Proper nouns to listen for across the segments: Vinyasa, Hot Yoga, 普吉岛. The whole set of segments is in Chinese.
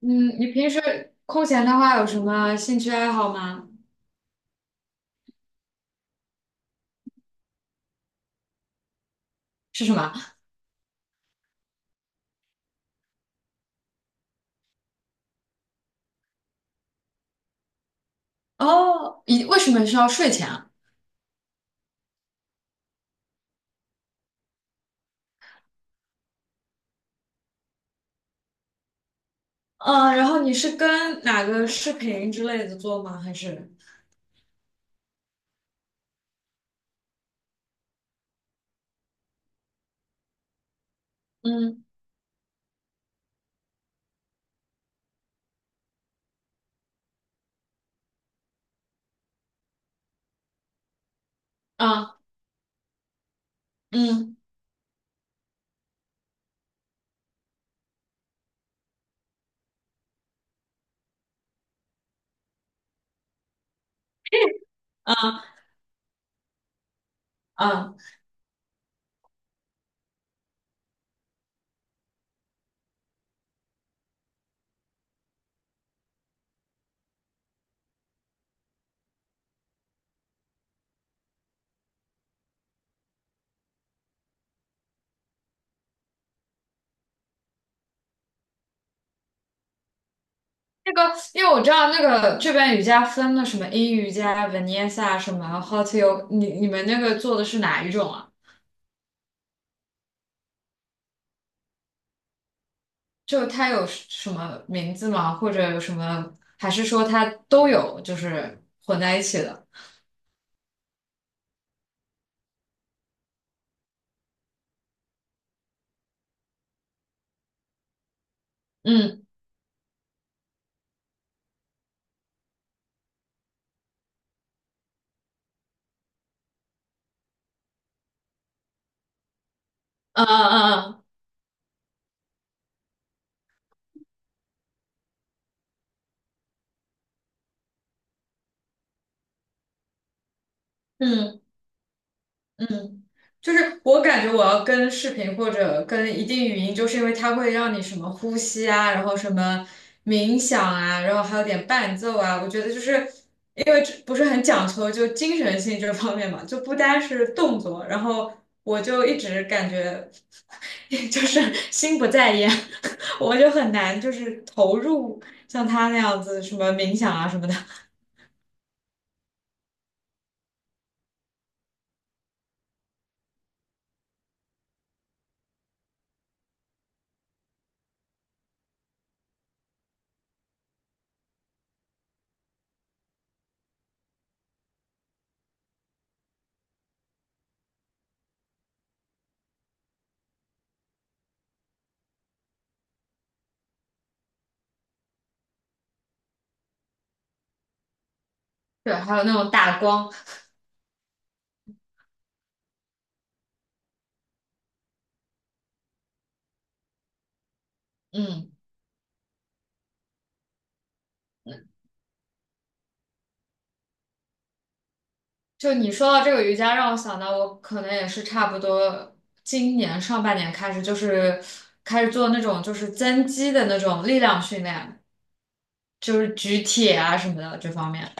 嗯，你平时空闲的话有什么兴趣爱好吗？是什么？哦，你为什么是要睡前啊？嗯，然后你是跟哪个视频之类的做吗？还是嗯啊嗯啊啊那个，因为我知道那个这边瑜伽分了什么阴瑜伽、Vinyasa 什么 Hot Yoga，你们那个做的是哪一种啊？就它有什么名字吗？或者有什么？还是说它都有，就是混在一起的？嗯嗯嗯嗯嗯嗯，就是我感觉我要跟视频或者跟一定语音，就是因为它会让你什么呼吸啊，然后什么冥想啊，然后还有点伴奏啊。我觉得就是因为这不是很讲究就精神性这方面嘛，就不单是动作。然后我就一直感觉 就是心不在焉，我就很难就是投入像他那样子什么冥想啊什么的。对，还有那种打光。嗯。就你说到这个瑜伽，让我想到我可能也是差不多今年上半年开始，就是开始做那种就是增肌的那种力量训练，就是举铁啊什么的这方面。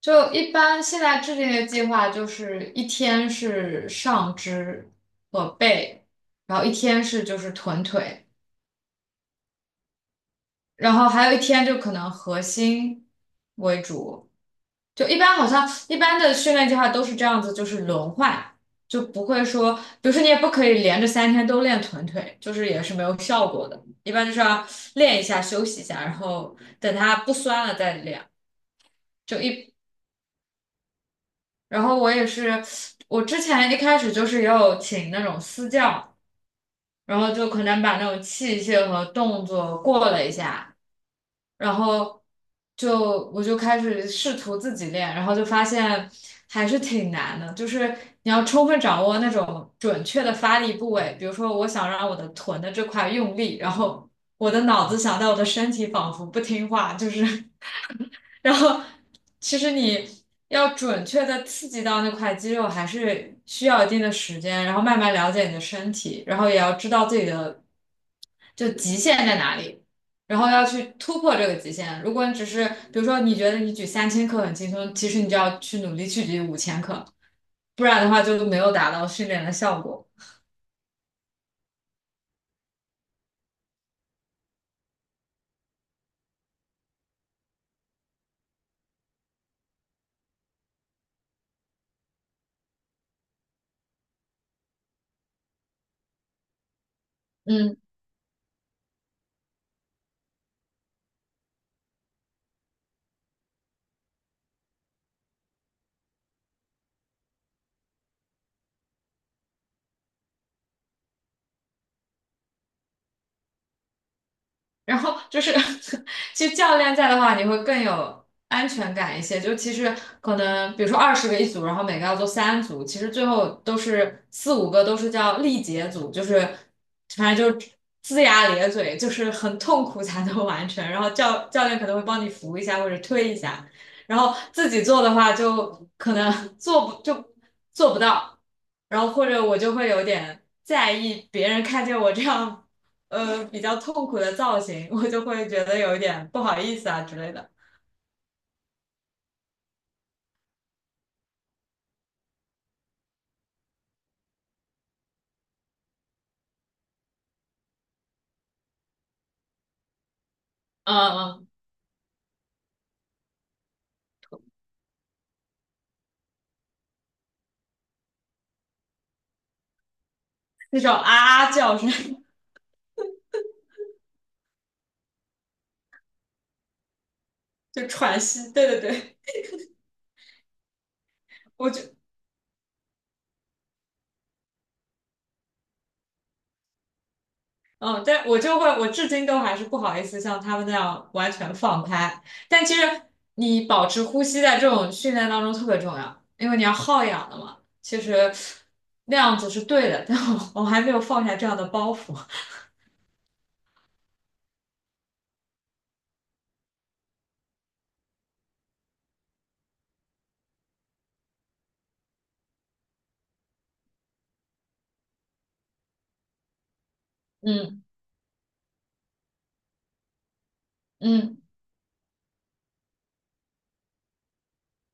就一般现在制定的计划就是一天是上肢和背，然后一天是就是臀腿，然后还有一天就可能核心为主。就一般好像一般的训练计划都是这样子，就是轮换，就不会说，比如说你也不可以连着3天都练臀腿，就是也是没有效果的。一般就是要练一下，休息一下，然后等它不酸了再练。就一般然后我也是，我之前一开始就是也有请那种私教，然后就可能把那种器械和动作过了一下，然后就我就开始试图自己练，然后就发现还是挺难的，就是你要充分掌握那种准确的发力部位，比如说我想让我的臀的这块用力，然后我的脑子想到我的身体仿佛不听话，就是然后其实你要准确的刺激到那块肌肉，还是需要一定的时间，然后慢慢了解你的身体，然后也要知道自己的就极限在哪里，然后要去突破这个极限。如果你只是比如说你觉得你举3千克很轻松，其实你就要去努力去举五千克，不然的话就没有达到训练的效果。嗯。然后就是，其实教练在的话，你会更有安全感一些。就其实可能，比如说20个一组，然后每个要做3组，其实最后都是4、5个都是叫力竭组，就是反正就是龇牙咧嘴，就是很痛苦才能完成。然后教练可能会帮你扶一下或者推一下，然后自己做的话就可能 做不到，然后或者我就会有点在意别人看见我这样。比较痛苦的造型，我就会觉得有一点不好意思啊之类的。嗯嗯，那种啊啊叫声，就喘息。对对对，我就嗯，但我就会，我至今都还是不好意思像他们那样完全放开。但其实你保持呼吸在这种训练当中特别重要，因为你要耗氧的嘛。其实那样子是对的，但我还没有放下这样的包袱。嗯嗯。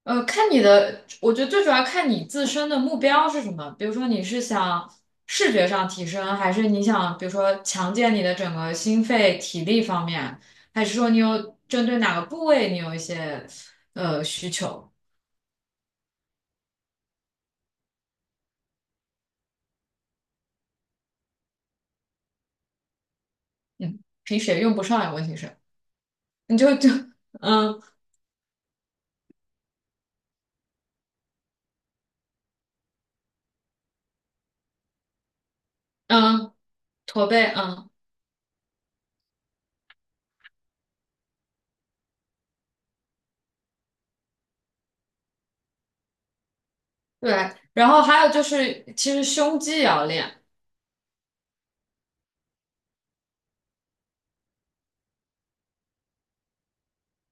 看你的，我觉得最主要看你自身的目标是什么。比如说，你是想视觉上提升，还是你想，比如说强健你的整个心肺体力方面，还是说你有针对哪个部位你有一些需求？嗯，平时也用不上呀，问题是你就就嗯嗯驼背嗯对，然后还有就是其实胸肌也要练。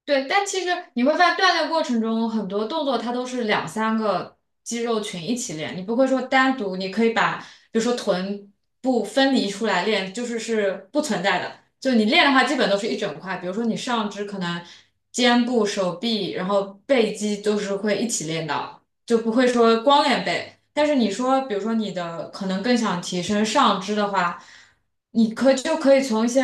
对，但其实你会发现锻炼过程中很多动作它都是两三个肌肉群一起练，你不会说单独，你可以把比如说臀部分离出来练，就是是不存在的。就你练的话，基本都是一整块，比如说你上肢可能肩部、手臂，然后背肌都是会一起练到。就不会说光练背。但是你说，比如说你的可能更想提升上肢的话，你就可以从一些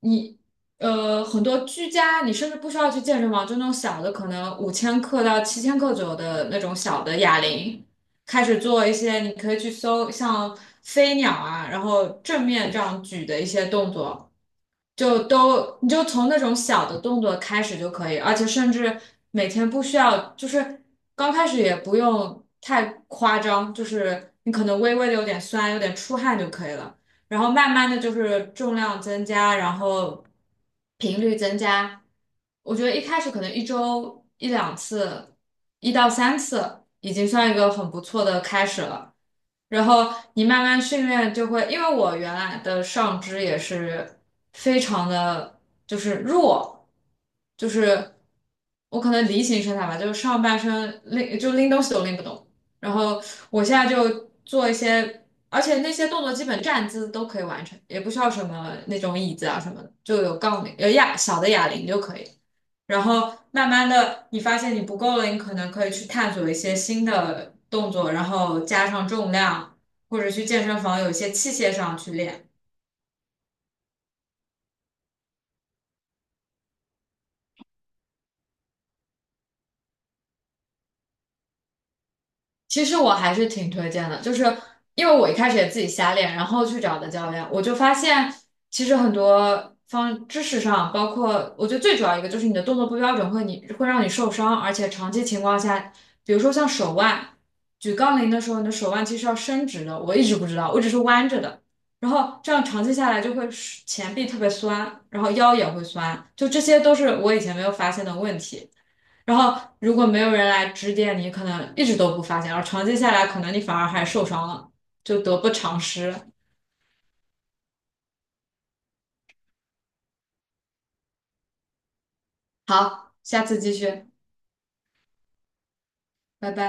你很多居家，你甚至不需要去健身房，就那种小的，可能5千克到7千克左右的那种小的哑铃，开始做一些，你可以去搜像飞鸟啊，然后正面这样举的一些动作。就都你就从那种小的动作开始就可以，而且甚至每天不需要，就是刚开始也不用太夸张，就是你可能微微的有点酸，有点出汗就可以了。然后慢慢的就是重量增加，然后频率增加。我觉得一开始可能一周1到2次，1到3次，已经算一个很不错的开始了。然后你慢慢训练就会，因为我原来的上肢也是非常的就是弱，就是我可能梨形身材吧，就是上半身拎就拎东西都拎不动。然后我现在就做一些而且那些动作基本站姿都可以完成，也不需要什么那种椅子啊什么的，就有杠铃，有哑小的哑铃就可以。然后慢慢的，你发现你不够了，你可能可以去探索一些新的动作，然后加上重量，或者去健身房有一些器械上去练。其实我还是挺推荐的，就是因为我一开始也自己瞎练，然后去找的教练，我就发现其实很多方知识上，包括我觉得最主要一个就是你的动作不标准会你会让你受伤，而且长期情况下，比如说像手腕，举杠铃的时候，你的手腕其实要伸直的，我一直不知道，我只是弯着的，然后这样长期下来就会前臂特别酸，然后腰也会酸，就这些都是我以前没有发现的问题。然后如果没有人来指点你，可能一直都不发现，而长期下来，可能你反而还受伤了，就得不偿失。好，下次继续，拜拜。